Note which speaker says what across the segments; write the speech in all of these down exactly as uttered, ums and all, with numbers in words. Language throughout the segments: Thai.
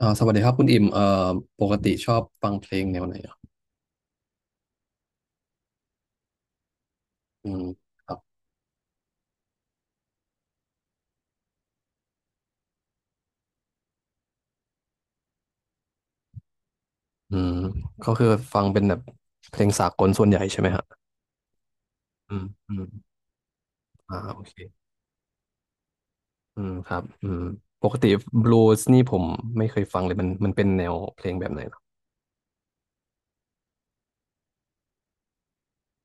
Speaker 1: อ่าสวัสดีครับคุณอิ่มเอ่อปกติชอบฟังเพลงแนวไหนอ่ะอืมครับอืมก็คือฟังเป็นแบบเพลงสากลส่วนใหญ่ใช่ไหมฮะอืมอืมอ่าโอเคอืมครับอืมปกติบลูส์นี่ผมไม่เคยฟังเลยมันมันเป็นแนวเพลงแบบไหนเหรอ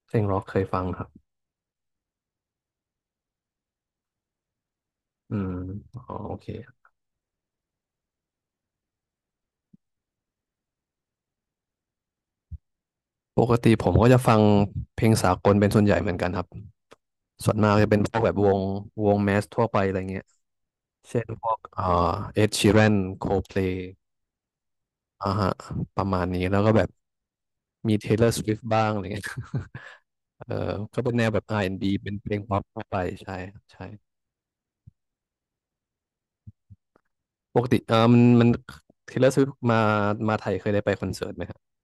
Speaker 1: เพลงร็อกเคยฟังครับอืมอ๋อโอเคปกติผมก็จะฟังเพลงสากลเป็นส่วนใหญ่เหมือนกันครับส่วนมากจะเป็นพวกแบบวงวงแมสทั่วไปอะไรเงี้ยเช่นพวกเอ่อเอ็ดชีแรนโคลด์เพลย์ อ่าฮะประมาณนี้แล้วก็แบบมี Taylor Swift บ้างอะไรเงี้ย เออก็เป็นแนวแบบ อาร์ แอนด์ บี เป็นเพลงป๊อปทั่วไปใช่ครับใช่ปกติเออมันมัน Taylor Swift มามาไทยเคยได้ไปคอนเสิร์ตไหมครับ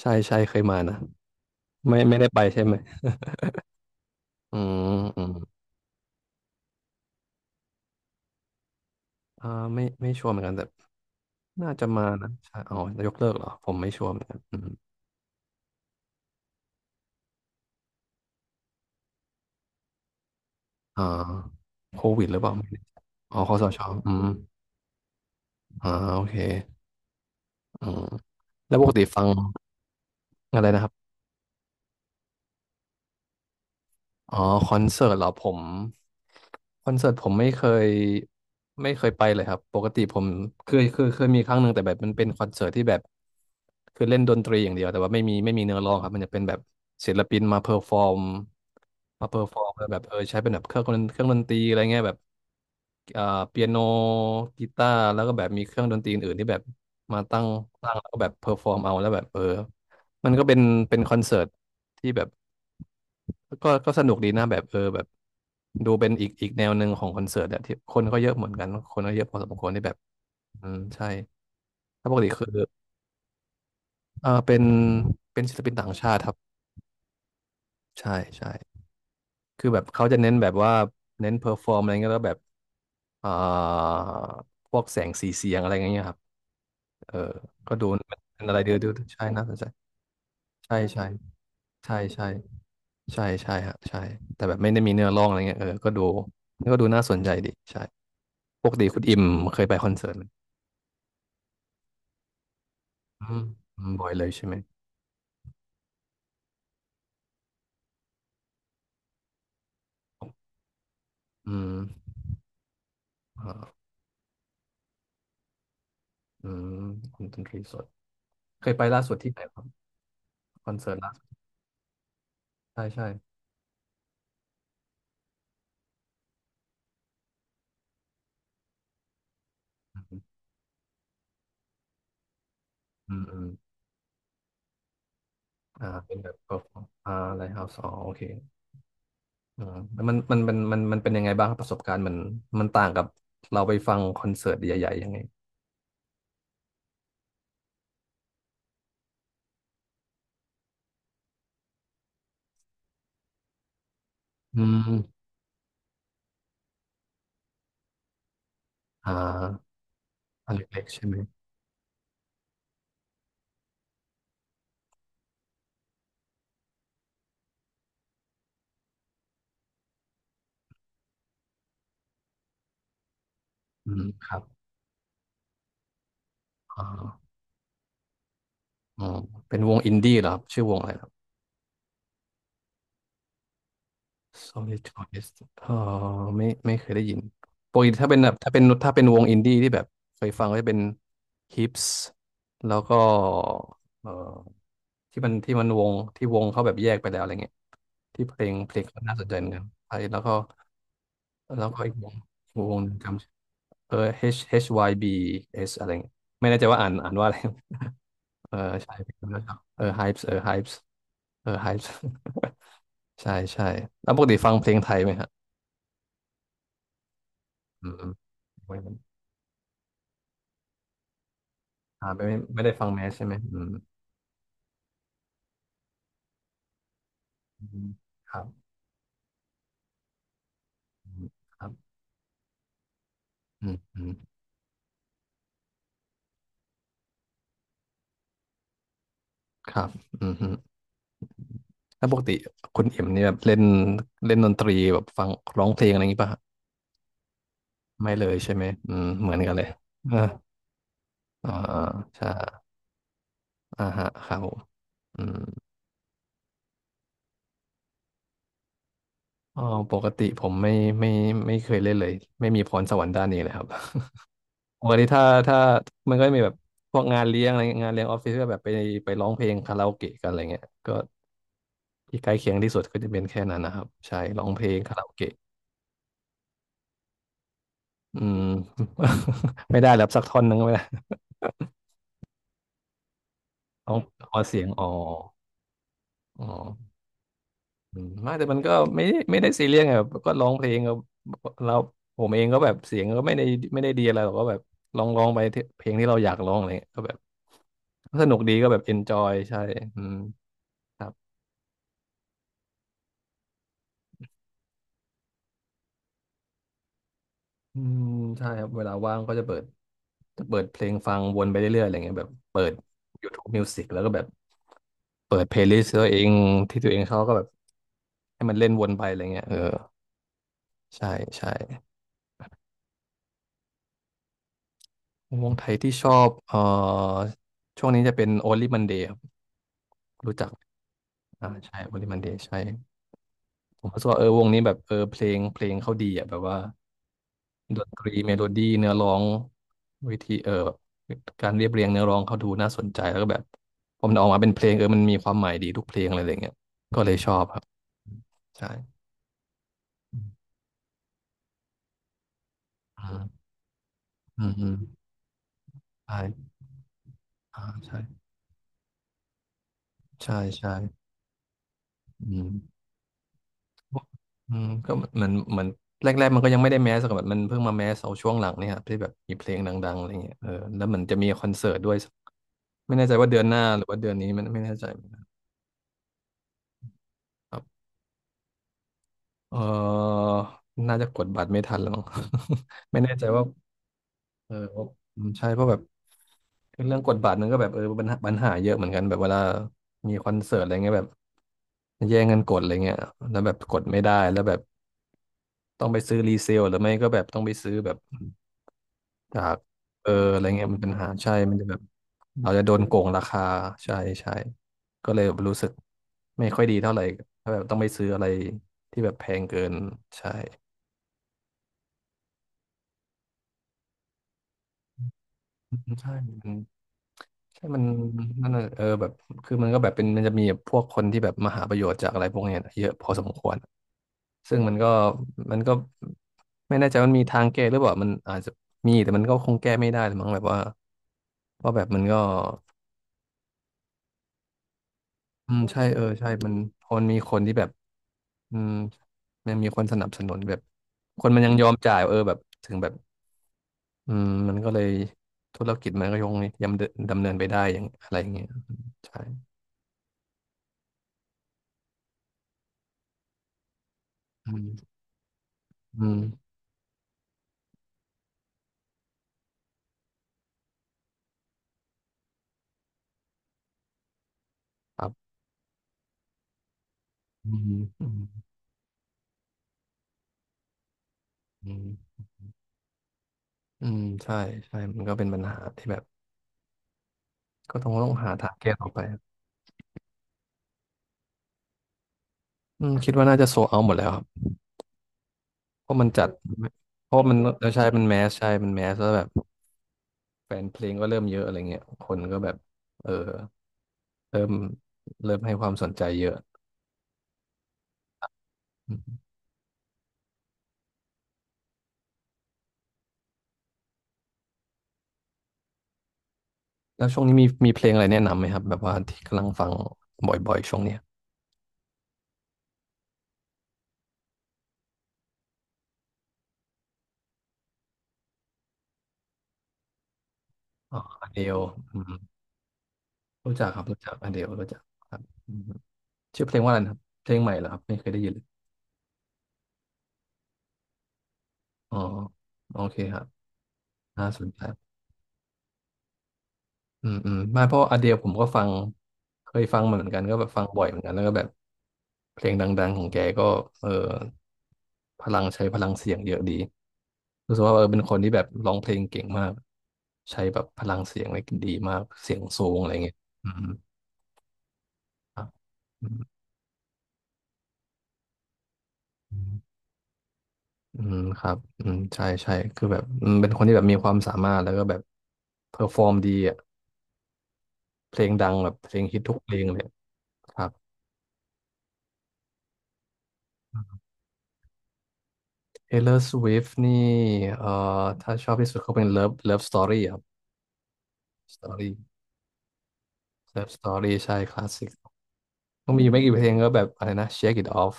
Speaker 1: ใช่ใช่เคยมานะไม่ไม่ได้ไปใช่ไหมอืมอืมอ่าไม่ไม่ชัวร์เหมือนกันแต่น่าจะมานะใช่อ๋อยกเลิกเหรอผมไม่ชัวร์เหมือนกันอืมอ่าโควิดหรือเปล่าไม่แน่อ๋อคสชอืมอ่าโอเคอืมแล้วปกติฟังอะไรนะครับ อ๋อคอนเสิร์ตเหรอผมคอนเสิร์ตผมไม่เคยไม่เคยไปเลยครับปกติผมเคยเคยเคยมีครั้งหนึ่งแต่แบบมันเป็นคอนเสิร์ตที่แบบคือเล่นดนตรีอย่างเดียวแต่ว่าไม่มีไม่มีเนื้อร้องครับมันจะเป็นแบบศิลปินมาเพอร์ฟอร์มมาเพอร์ฟอร์มแบบเออใช้เป็นแบบเครื่องดนเครื่องดนตรีอะไรเงี้ยแบบเอ่อเปียโนกีตาร์แล้วก็แบบมีเครื่องดนตรีอื่นๆที่แบบมาตั้งตั้งแล้วก็แบบเพอร์ฟอร์มเอาแล้วแบบเออมันก็เป็นเป็นคอนเสิร์ตที่แบบ ก็ก็สนุกดีนะแบบเออแบบดูเป็นอีกอีกแนวหนึ่งของคอนเสิร์ตอะที่คนก็เยอะเหมือนกันคนก็เยอะพอสมควรที่แบบอืมใช่ถ้าปกติคือเออเป็นเป็นศิลปินต่างชาติครับใช่ใช่คือแบบเขาจะเน้นแบบว่าเน้นเพอร์ฟอร์มอะไรเงี้ยแล้วแบบเอ่อพวกแสงสีเสียงอะไรเงี้ยครับเออก็ดูเป็นอะไรเดีูดูใช่น่าสนใจใช่ใช่ ใช่ใช่ใช่ใช่ฮะใช่แต่แบบไม่ได้มีเนื้อร้องอะไรเงี้ยเออก็ดูก็ดูน่าสนใจดีใช่ปกติคุณอิมเคยไปคอนเสิร์ตไหมอืมอืมบ่อยเลยใช่ไหมอืมอ่าอืมคุณดนตรีสดเคยไปล่าสุดที่ไหนครับคอนเสิร์ตล่าสุดใช่ใช่อืมอืมอมอ่าเป็นแบบก็อ่าไลท์เฮาส์อ๋อโอเคอ่าแล้วมันมันมันมันมันเป็นยังไงบ้างครับประสบการณ์มันมันต่างกับเราไปฟังคอนเสิร์ตใหญ่ๆยังไงอืมอ่าอันเล็กๆใช่ไหมอืมครับ อ่าอ๋อเป็นวงอินดี้เหรอครับชื่อวงอะไรครับ Solid Choice เออไม่ไม่เคยได้ยินปกติถ้าเป็นแบบถ้าเป็นถ้าเป็นวงอินดี้ที่แบบเคยฟังก็จะเป็น Hips แล้วก็เออที่มันที่มันวงที่วงเขาแบบแยกไปแล้วอะไรเงี้ยที่เพลงเพลงเขาน่าสนใจเหมือนกันไอ้แล้วก็แล้วก็อีกวงอีกวงหนึ่งจำเออ H H Y B S อะไรเงี้ยไม่แน่ใจว่าอ่านอ่านว่าอะไรเออใช่เพลงนั้นเออ Hypes เออ Hypes เออ Hypes ใช่ใช่แล้วปกติฟังเพลงไทยไหมฮะอืมไม่อ่าไม่ไม่ไม่ได้ฟังแมสใช่ไหมอืมอืมครับอืมครับอืมอืมครับอืมอืมแล้วปกติคุณเอ็มเนี่ยแบบเล่นเล่นดนตรีแบบฟังร้องเพลงอะไรอย่างงี้ป่ะฮะไม่เลยใช่ไหมอืมเหมือนกันเลย อ่าอ่าใช่อ่าฮะครับผมอืมอ๋อปกติผมไม่ไม่ไม่เคยเล่นเลยไม่มีพรสวรรค์ด้านนี้เลยครับ วันนี้ถ้าถ้ามันก็จะมีแบบพวกงานเลี้ยงอะไรเงี้ยงานเลี้ยงออฟฟิศก็แบบไปไปร้องเพลงคาราโอเกะกันอะไรเงี้ยก็ที่ใกล้เคียงที่สุดก็จะเป็นแค่นั้นนะครับใช่ร้องเพลงคาราโอเกะอืม ไม่ได้แล้วสักท่อนนึงก็ไม่ได้ต้องขอเสียงอ๋ออ๋ออืมไม่แต่มันก็ไม่ไม่ได้ซีเรียสไงแบบก็ร้องเพลงก็เราผมเองก็แบบเสียงก็ไม่ได้ไม่ได้ดีอะไรหรอกก็แบบลองร้องไปที่เพลงที่เราอยากร้องอะไรเงี้ยก็แบบสนุกดีก็แบบเอนจอยใช่อืมครับ อืมใช่ครับเวลาว่างก็จะเปิดจะเปิดเพลงฟังวนไปเรื่อยๆอะไรเงี้ยแบบเปิด YouTube Music แล้วก็แบบเปิดเพลย์ลิสต์ตัวเองที่ตัวเองเขาก็แบบให้มันเล่นวนไปอะไรเงี้ยเออใช่ใช่วงไทยที่ชอบเอ่อช่วงนี้จะเป็น Only Monday ครับรู้จักอ่าใช่ Only Monday ใช่ผมรู้สึกว่าเออวงนี้แบบเออเพลงเพลงเขาดีอ่ะแบบว่า ดนตรีเมโลดี้เนื้อร้องวิธีเออแบบการเรียบเรียงเนื้อร้องเขาดูน่าสนใจแล้วก็แบบพอมันออกมาเป็นเพลงเออมันมีความหมายดีทุกเพลงอะไรอย่างเงี้ยก็เลยชอบครับใช่อืมอืมอืมใช่อ่าใช่ใช่ใช่อืมอืมก็เหมือนเหมือนแรกๆมันก็ยังไม่ได้แมสกับมันเพิ่งมาแมสเอาช่วงหลังเนี่ยครับที่แบบมีเพลงดังๆอะไรเงี้ยเออแล้วเหมันจะมีคอนเสิร์ตด้วยไม่แน่ใจว่าเดือนหน้าหรือว่าเดือนนี้มันไม่แน่ใจเหมือนกันครับ เออน่าจะกดบัตรไม่ทันแล้วมั้ง ไม่แน่ใจว่าเอออืมใช่เพราะแบบเรื่องกดบัตรนั้นก็แบบเออปัญหาปัญหาเยอะเหมือนกันแบบเวลามีคอนเสิร์ตอะไรเงี้ยแบบแย่งกันกดอะไรเงี้ยแล้วแบบกดไม่ได้แล้วแบบต้องไปซื้อรีเซลหรือไม่ก็แบบต้องไปซื้อแบบจากเอออะไรเงี้ยมันเป็นปัญหาใช่มันจะแบบเราจะโดนโกงราคาใช่ใช่ก็เลยแบบรู้สึกไม่ค่อยดีเท่าไหร่ถ้าแบบต้องไปซื้ออะไรที่แบบแพงเกินใช่ใช่ ใช่มันนั่นน่ะเออแบบคือมันก็แบบเป็นมันจะมีพวกคนที่แบบมาหาประโยชน์จากอะไรพวกเนี้ยเยอะพอสมควร ซึ่งมันก็มันก็ไม่แน่ใจว่ามันมีทางแก้หรือเปล่ามันอาจจะมีแต่มันก็คงแก้ไม่ได้หรือมั้งแบบว่าว่าแบบมันก็อืมใช่เออใช่มันพอมันมีคนที่แบบอืมมันมีคนสนับสนุนแบบคนมันยังยอม จ่ายเออแบบถึงแบบอืมมันก็เลยธุรกิจมันก็ยังดำเนินดำเนินไปได้อย่างอะไรอย่างเงี้ยใช่อืมอืมครับ อืมอืมอืมอืมใช่ใช่มันก็เป็นปัญหาที่แบบก็ต้องต้องหาทางแก้ต่อไปรอืมคิดว่าน่าจะโซเอาหมดแล้วครับเพราะมันจัดเพราะมันแล้วใช่มันแมสใช่มันแมสแล้วแบบแฟนเพลงก็เริ่มเยอะอะไรเงี้ยคนก็แบบเออเริ่มเริ่มให้ความสนใจเยอะอืมแล้วช่วงนี้มีมีเพลงอะไรแนะนำไหมครับแบบว่าที่กำลังฟังบ่อยๆช่วงเนี้ยอ๋ออเดลอืมรู้จักครับรู้จักอเดลรู้จักครับอืมชื่อเพลงว่าอะไรนะครับเพลงใหม่เหรอครับไม่เคยได้ยินเลย อ๋อโอเคครับน่าสนใจอืมอืมไม่เพราะอเดียผมก็ฟังเคยฟังมาเหมือนกันก็แบบฟังบ่อยเหมือนกันแล้วก็แบบเพลงดังๆของแกก็เออพลังใช้พลังเสียงเยอะดีรู้สึกว่าเออเป็นคนที่แบบร้องเพลงเก่งมากใช้แบบพลังเสียงอะไรดีมากเสียงสูงอะไรเงี้ยอืมครับอืมอืมอืมครับอืมใช่ใช่คือแบบอืมเป็นคนที่แบบมีความสามารถแล้วก็แบบเพอร์ฟอร์มดีอ่ะเพลงดังแบบเพลงฮิตทุกเพลงเลยครับ Taylor Swift นี่เอ่อถ้าชอบที่สุดก็เป็น Love Love Story ครับ Story Love Story ใช่คลาสสิกก็มีไม่กี่เพลงก็แบบอะไรนะ Shake It Off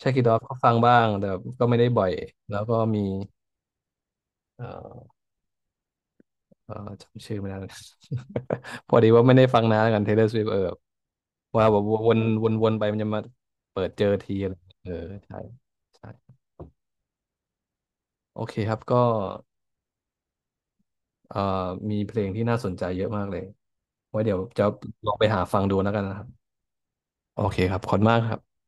Speaker 1: Shake It Off ก็ฟังบ้างแต่ก็ไม่ได้บ่อยแล้วก็มีเอ่อเอ่อจำชื่อไม่ได้ พอดีว่าไม่ได้ฟังนานแล้วกัน Taylor Swift เออว่าแบบวนวนวนไปมันจะมาเปิดเจอทีอะไรเออใช่ใช่โอเคครับก็เอ่อมีเพลงที่น่าสนใจเยอะมากเลยไว้เดี๋ยวจะลองไปหาฟังดูแล้วกันนะครับ โอเคครับขอบคุณมากครับ